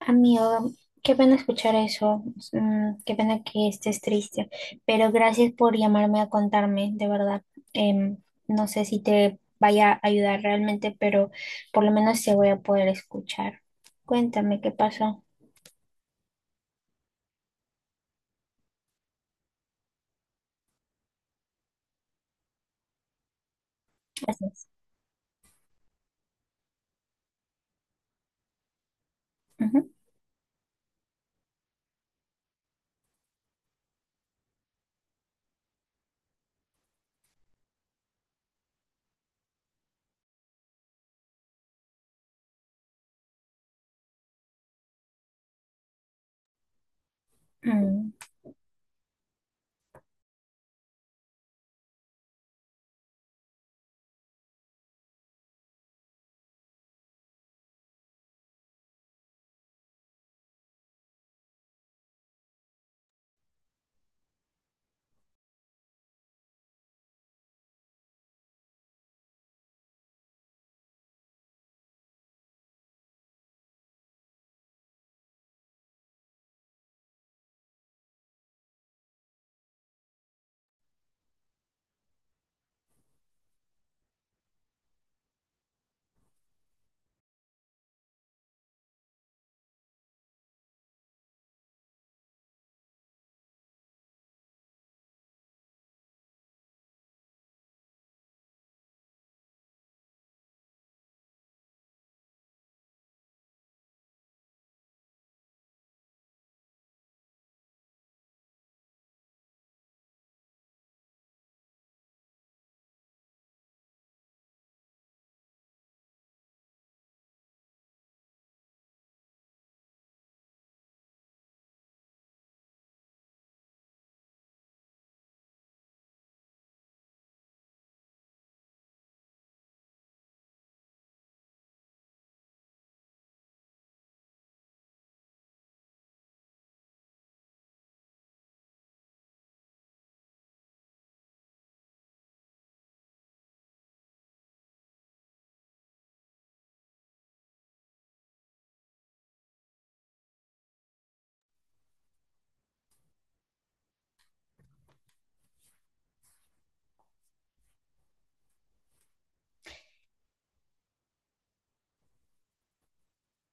Amigo, qué pena escuchar eso, qué pena que estés triste, pero gracias por llamarme a contarme, de verdad. Em, no sé si te vaya a ayudar realmente, pero por lo menos te voy a poder escuchar. Cuéntame qué pasó. Gracias. Ujú. Mm.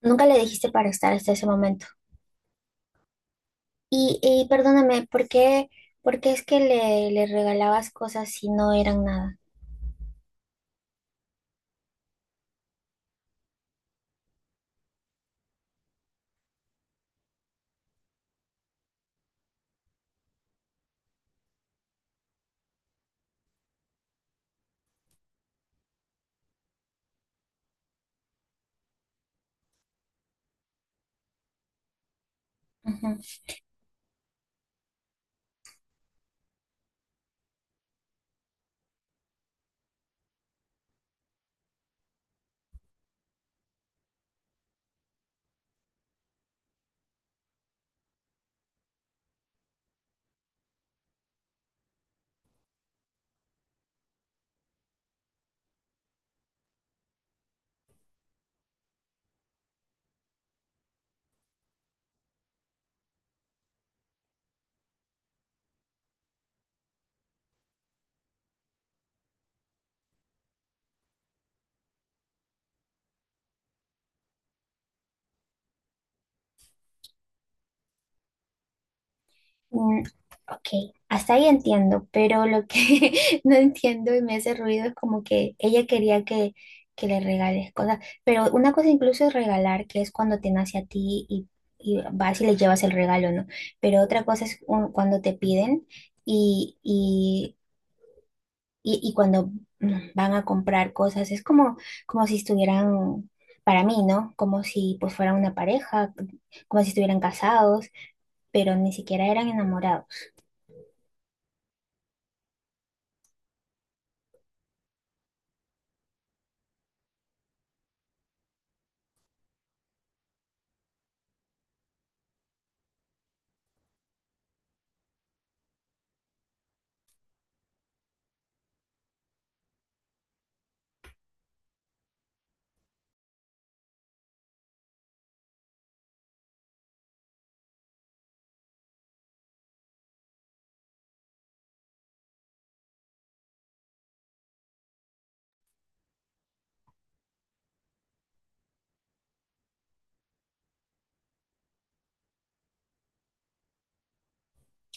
Nunca le dijiste para estar hasta ese momento. Y perdóname, ¿por qué, es que le regalabas cosas si no eran nada? Ujú. Mm, ok, hasta ahí entiendo, pero lo que no entiendo y me hace ruido es como que ella quería que le regales cosas, pero una cosa incluso es regalar, que es cuando te nace a ti y vas y le llevas el regalo, ¿no? Pero otra cosa es cuando te piden y, y, y cuando van a comprar cosas, es como, como si estuvieran, para mí, ¿no? Como si pues fueran una pareja, como si estuvieran casados, pero ni siquiera eran enamorados.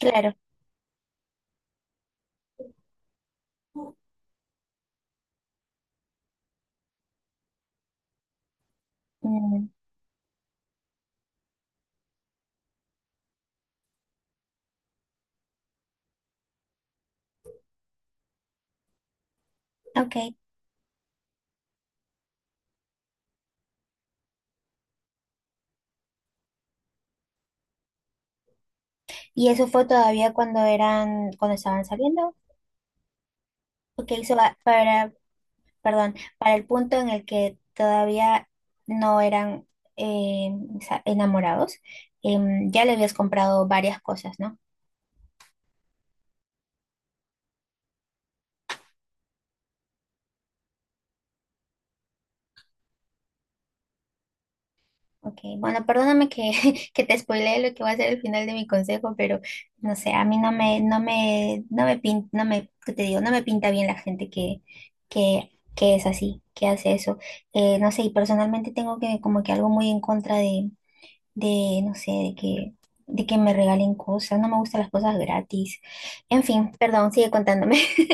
Claro. Mm, ok. ¿Y eso fue todavía cuando estaban saliendo? Ok, eso va para, perdón, para el punto en el que todavía no eran eh, enamorados. Ya le habías comprado varias cosas, ¿no? Ok, bueno, perdóname que, que te spoileé lo que va a ser el final de mi consejo, pero no sé, a mí no me pinta, no me, ¿qué te digo? No me pinta bien la gente que, que es así, que hace eso. No sé, y personalmente tengo que, como que algo muy en contra de, no sé, de que me regalen cosas, no me gustan las cosas gratis. En fin, perdón, sigue contándome.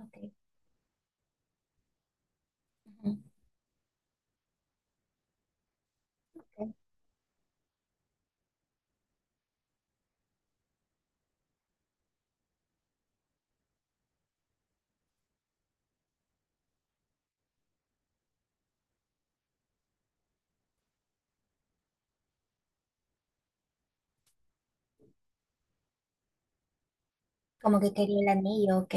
Ok, ujú, ok. Como que quería el anillo, ok.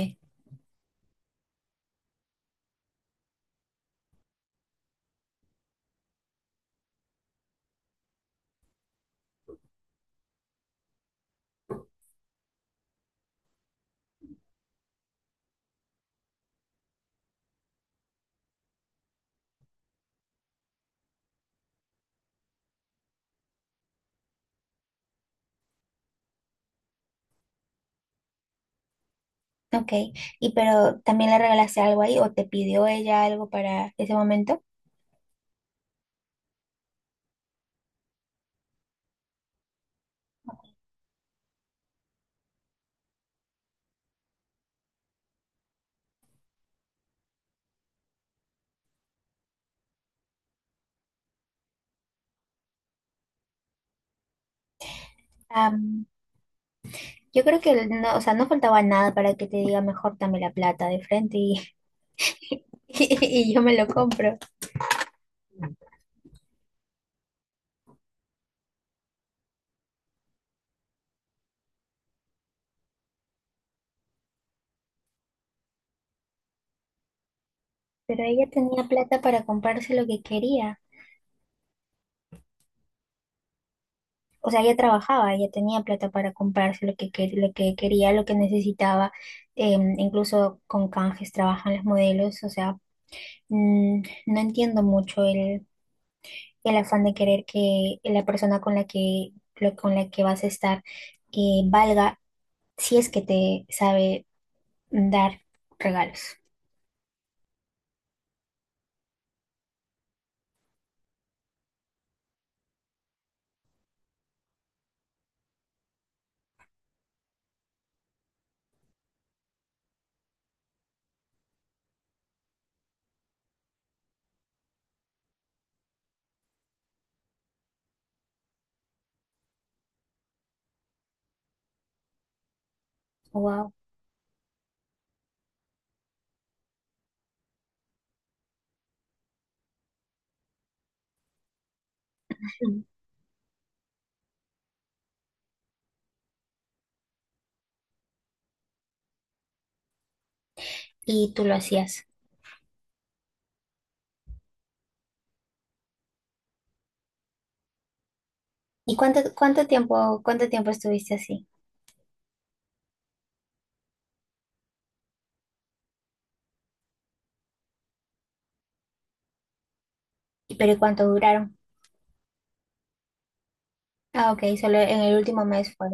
Ok, y pero también le regalaste algo ahí o te pidió ella algo para ese momento. Am, yo creo que no, o sea, no faltaba nada para que te diga mejor dame la plata de frente y, y, yo me lo compro. Pero ella tenía plata para comprarse lo que quería. O sea, ella trabajaba, ella tenía plata para comprarse lo que quería, lo que necesitaba. Incluso con canjes trabajan los modelos. O sea, mm, no entiendo mucho el afán de querer que la persona con la que vas a estar valga si es que te sabe dar regalos. Wow. Y tú lo hacías. ¿Y cuánto, cuánto tiempo estuviste así? ¿Y pero cuánto duraron? Ah, ok, solo en el último mes fue.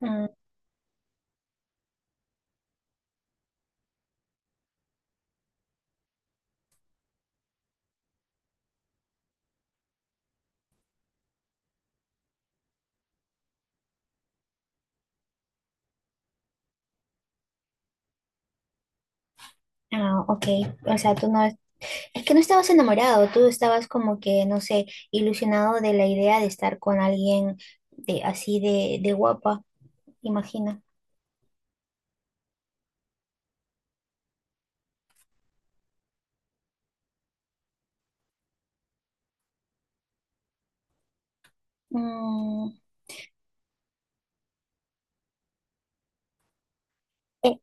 Mm. Ah, ok. O sea, tú no, es que no estabas enamorado, tú estabas como que, no sé, ilusionado de la idea de estar con alguien de así de guapa, imagina. Eh,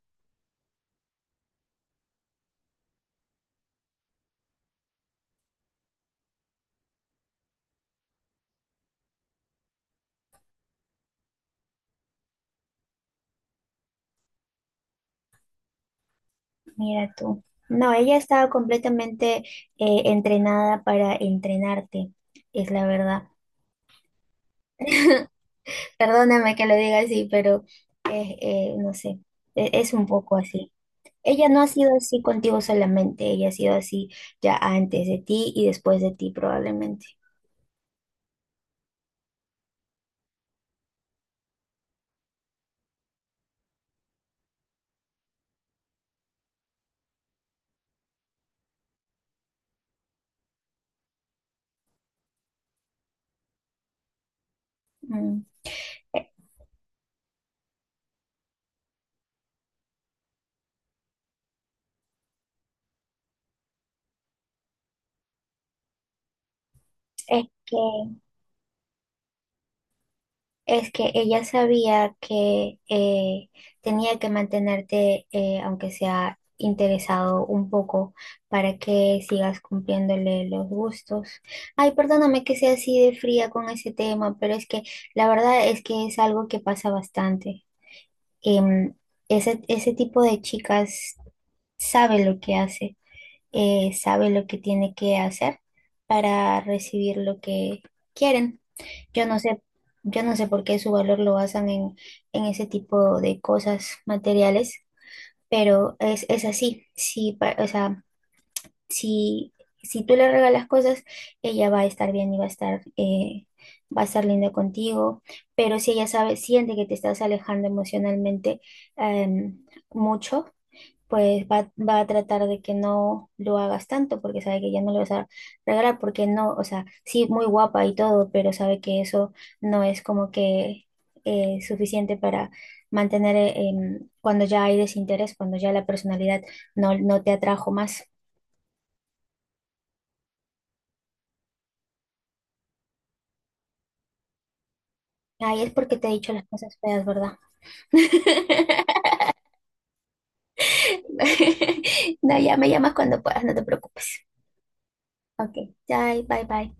mira tú. No, ella estaba completamente entrenada para entrenarte, es la verdad. Perdóname que lo diga así, pero no sé, es un poco así. Ella no ha sido así contigo solamente, ella ha sido así ya antes de ti y después de ti probablemente. Mm, e-, Es que Es que ella sabía que tenía que mantenerte, aunque sea interesado un poco, para que sigas cumpliéndole los gustos. Ay, perdóname que sea así de fría con ese tema, pero es que la verdad es que es algo que pasa bastante. Em, ese tipo de chicas sabe lo que hace, sabe lo que tiene que hacer para recibir lo que quieren. Yo no sé, yo no sé por qué su valor lo basan en, ese tipo de cosas materiales, pero es así. O sea, si, si tú le regalas cosas, ella va a estar bien y va a estar linda contigo, pero si ella sabe, siente que te estás alejando emocionalmente, em, mucho, pues va a tratar de que no lo hagas tanto porque sabe que ya no le vas a regalar, porque no, o sea, sí, muy guapa y todo, pero sabe que eso no es como que suficiente para mantener cuando ya hay desinterés, cuando ya la personalidad no te atrajo más. Ay, es porque te he dicho las cosas feas, ¿verdad? No, ya me llamas cuando puedas, no te preocupes. Ok, bye, bye, bye.